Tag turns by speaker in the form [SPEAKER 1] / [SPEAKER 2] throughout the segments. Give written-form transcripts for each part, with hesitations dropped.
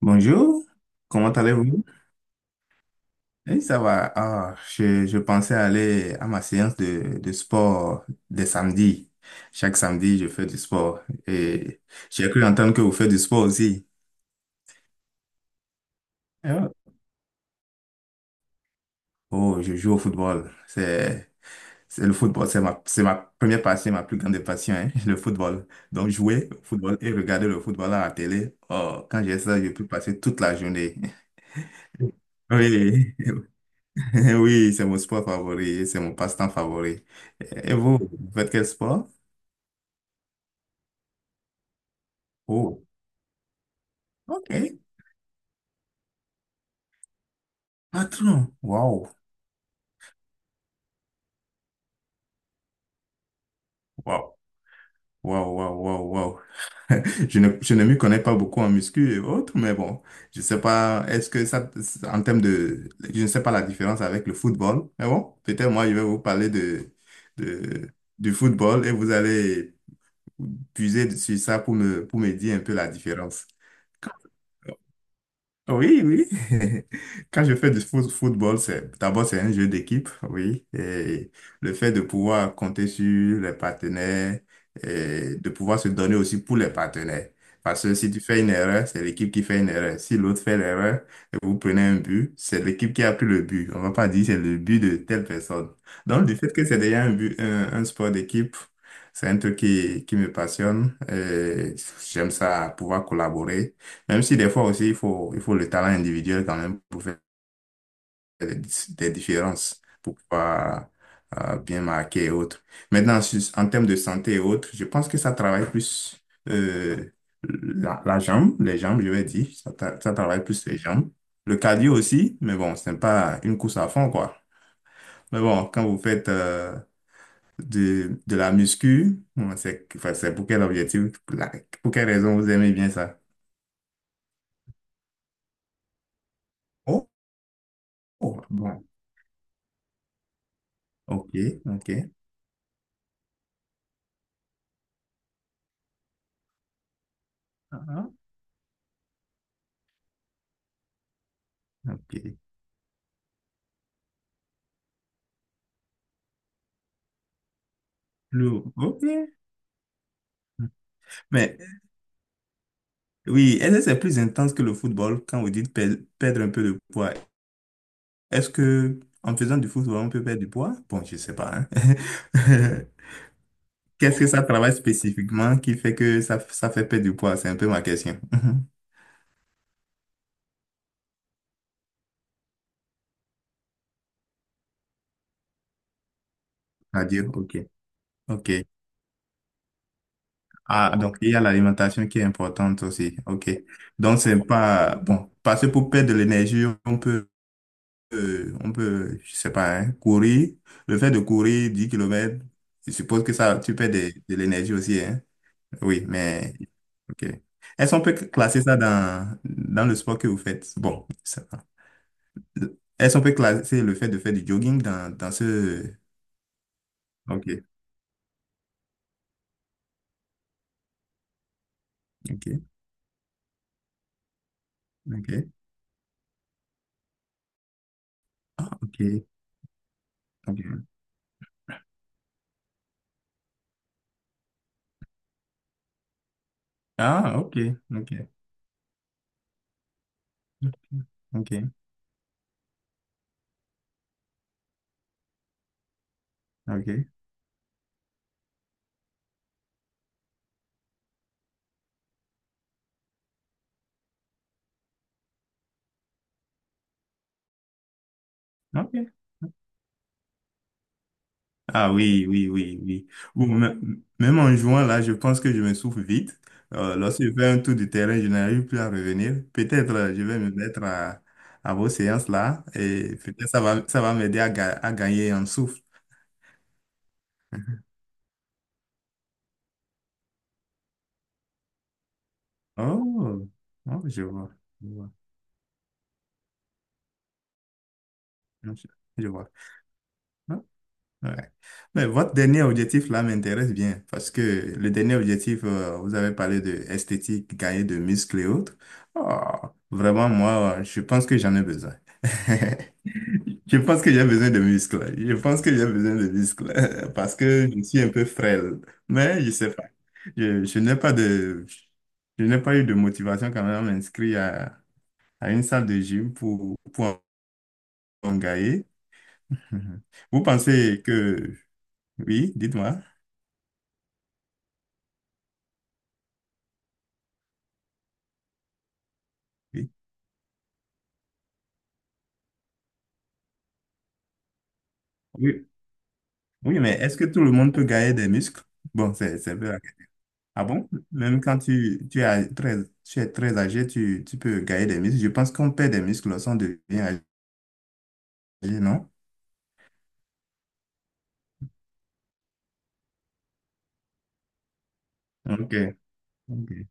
[SPEAKER 1] Bonjour, comment allez-vous? Oui, ça va. Ah, je pensais aller à ma séance de sport des samedis. Chaque samedi, je fais du sport. Et j'ai cru entendre que vous faites du sport aussi. Ah. Oh, je joue au football. C'est le football, c'est ma première passion, ma plus grande passion, hein, le football. Donc, jouer au football et regarder le football à la télé. Oh, quand j'ai ça, je peux passer toute la journée. Oui, oui, c'est mon sport favori, c'est mon passe-temps favori. Et vous, vous faites quel sport? Oh, ok. Patron, waouh, waouh, waouh, waouh, waouh, waouh. Je ne m'y connais pas beaucoup en muscu et autres, mais bon, je sais pas, est-ce que ça, en termes de, je ne sais pas la différence avec le football, mais bon, peut-être moi, je vais vous parler de, du football et vous allez puiser sur ça pour pour me dire un peu la différence. Oui, oui. Quand je fais du football, c'est d'abord c'est un jeu d'équipe, oui. Et le fait de pouvoir compter sur les partenaires et de pouvoir se donner aussi pour les partenaires. Parce que si tu fais une erreur, c'est l'équipe qui fait une erreur. Si l'autre fait l'erreur et vous prenez un but, c'est l'équipe qui a pris le but. On va pas dire c'est le but de telle personne. Donc, du fait que c'est déjà un but, un sport d'équipe, c'est un truc qui me passionne. Et j'aime ça, pouvoir collaborer. Même si des fois aussi, il faut le talent individuel quand même pour faire des, des différences, pour pouvoir bien marquer et autres. Maintenant, en termes de santé et autres, je pense que ça travaille plus euh, la, la jambe, les jambes, je vais dire. Ça, ça travaille plus les jambes. Le cardio aussi, mais bon, ce n'est pas une course à fond, quoi. Mais bon, quand vous faites de la muscu, bon, c'est enfin, c'est pour quel objectif, pour quelle raison vous aimez bien ça? Oh, oh, bon, ok, ok. Ah, ok. Le, ok. Mais oui, est-ce que c'est plus intense que le football quand vous dites perdre un peu de poids? Est-ce que en faisant du football, on peut perdre du poids? Bon, je sais pas, hein. Qu'est-ce que ça travaille spécifiquement qui fait que ça fait perdre du poids? C'est un peu ma question. À dire, ok. Ok. Ah, donc il y a l'alimentation qui est importante aussi. Ok. Donc c'est pas, bon, parce que pour perdre de l'énergie, on peut, je sais pas, hein, courir. Le fait de courir 10 kilomètres, je suppose que ça, tu perds de, l'énergie aussi, hein. Oui, mais, ok. Est-ce qu'on peut classer ça dans, dans le sport que vous faites? Bon, ça va. Est-ce qu'on peut classer le fait de faire du jogging dans, dans ce... Ok, ok, ok, ok, ok. Ah, ok, ok, ok, ok, ok. Ah oui, oui, oui, oui. Ou me- même en jouant là, je pense que je me souffle vite. Lorsque je fais un tour du terrain, je n'arrive plus à revenir. Peut-être je vais me mettre à vos séances là et peut-être ça va m'aider à, à gagner en souffle. Oh, oh, je vois, je vois, je je vois. Hein? Ouais. Mais votre dernier objectif là m'intéresse bien parce que le dernier objectif, vous avez parlé de esthétique, gagner de muscles et autres. Oh, vraiment, moi, je pense que j'en ai besoin. Je pense que j'ai besoin de muscles. Je pense que j'ai besoin de muscles parce que je suis un peu frêle. Mais je sais pas. Je n'ai pas de, je n'ai pas eu de motivation quand même à m'inscrire à une salle de gym pour en gagner. Mhm. Vous pensez que, oui, dites-moi. Oui. Oui, oui, mais est-ce que tout le monde peut gagner des muscles? Bon, c'est un peu question. Ah bon? Même quand tu es très âgé, tu peux gagner des muscles. Je pense qu'on perd des muscles lorsqu'on devient âgé, non? Ok. Ok.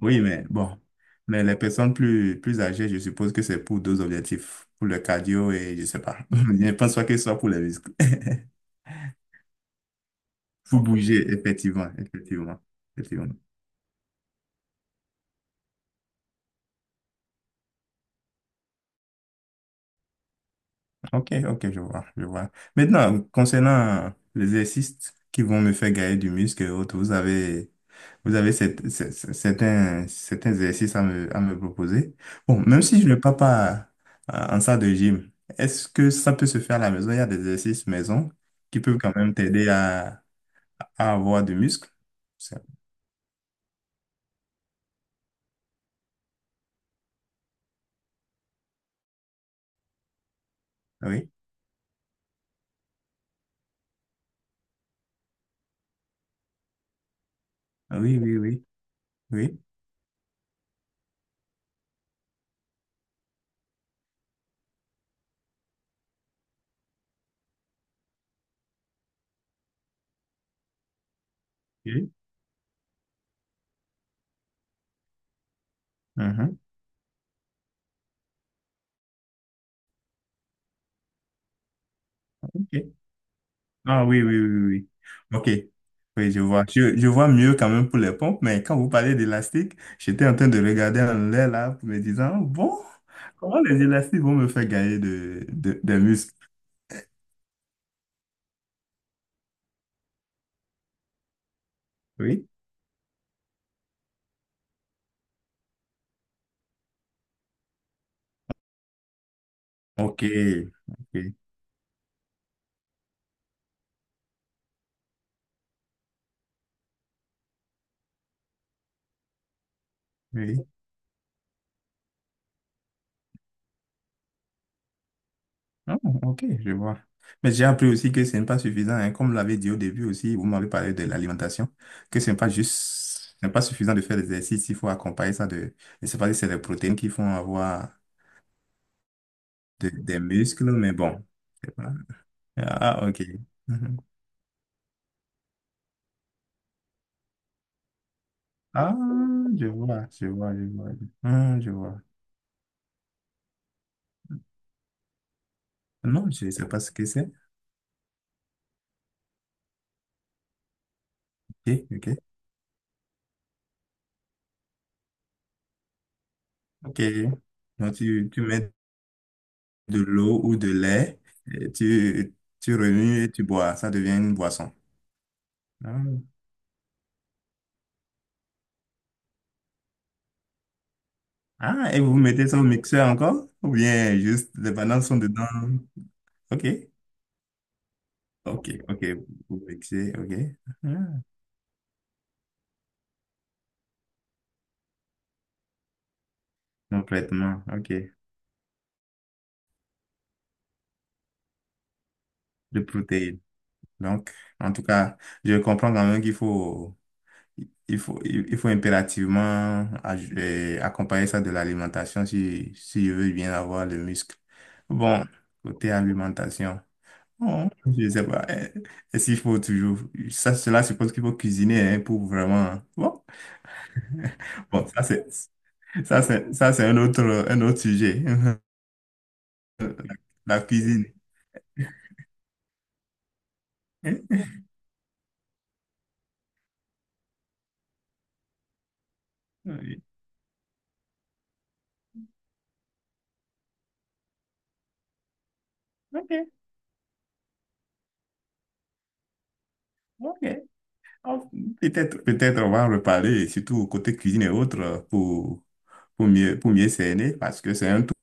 [SPEAKER 1] Oui, mais bon, mais les personnes plus, plus âgées, je suppose que c'est pour deux objectifs, pour le cardio et je sais pas. Je ne pense pas que ce soit pour les muscles. Pour bouger, effectivement, effectivement, effectivement. Ok, ok, je vois, je vois. Maintenant, concernant les exercices qui vont me faire gagner du muscle et autres, vous avez certains, certains exercices à me proposer. Bon, même si je ne pars pas en salle de gym, est-ce que ça peut se faire à la maison? Il y a des exercices maison qui peuvent quand même t'aider à avoir du muscle. Ça- Oui, oui, oui, oui, oui. Oui. Mhm. Ok. Ah oui, oui, oui, oui, oui. OK. Oui, je vois. Je vois mieux quand même pour les pompes, mais quand vous parlez d'élastique, j'étais en train de regarder en l'air là, me disant, oh, bon, comment les élastiques vont me faire gagner de, des muscles? Oui. OK. OK. Oui. Ah, OK, je vois. Mais j'ai appris aussi que ce n'est pas suffisant, hein. Comme vous l'avez dit au début aussi, vous m'avez parlé de l'alimentation, que ce n'est pas juste, ce n'est pas suffisant de faire des exercices, il faut accompagner ça de, je ne sais pas si c'est les protéines qui font avoir des muscles, mais bon. Ah, ah, ok. Mhm. Ah, je vois, je vois, je vois. Je vois. Non, je ne sais pas ce que c'est. Ok, ok. Ok. Donc, tu mets de l'eau ou de lait, et tu remues et tu bois. Ça devient une boisson. Ah, ah, et vous mettez ça au mixeur encore? Ou bien juste les bananes sont dedans? Ok, ok, ok. Vous mixez, ok. Ah, complètement, ok. De protéines. Donc, en tout cas, je comprends quand même qu'il faut. Il faut, il faut impérativement accompagner ça de l'alimentation si, si je veux bien avoir le muscle. Bon, côté alimentation, bon, je ne sais pas. Est-ce qu'il faut toujours... Ça, cela suppose qu'il faut cuisiner hein, pour vraiment... Bon, bon ça, c'est, ça, c'est un autre sujet. La cuisine. Hein? Oui. Ok, ok. Oh, peut-être, peut-être on va en reparler, surtout côté cuisine et autres, pour mieux cerner, parce que c'est un tout.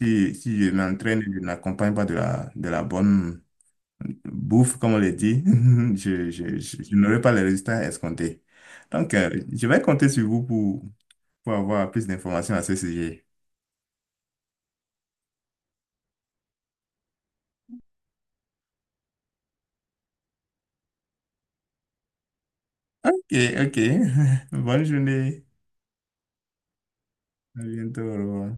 [SPEAKER 1] Si, si je m'entraîne, et je n'accompagne pas de la, de la bonne bouffe, comme on le dit, je n'aurai pas les résultats escomptés. Donc, je vais compter sur vous pour avoir plus d'informations à ce sujet. Ok, ok. Bonne journée. À bientôt. Au revoir.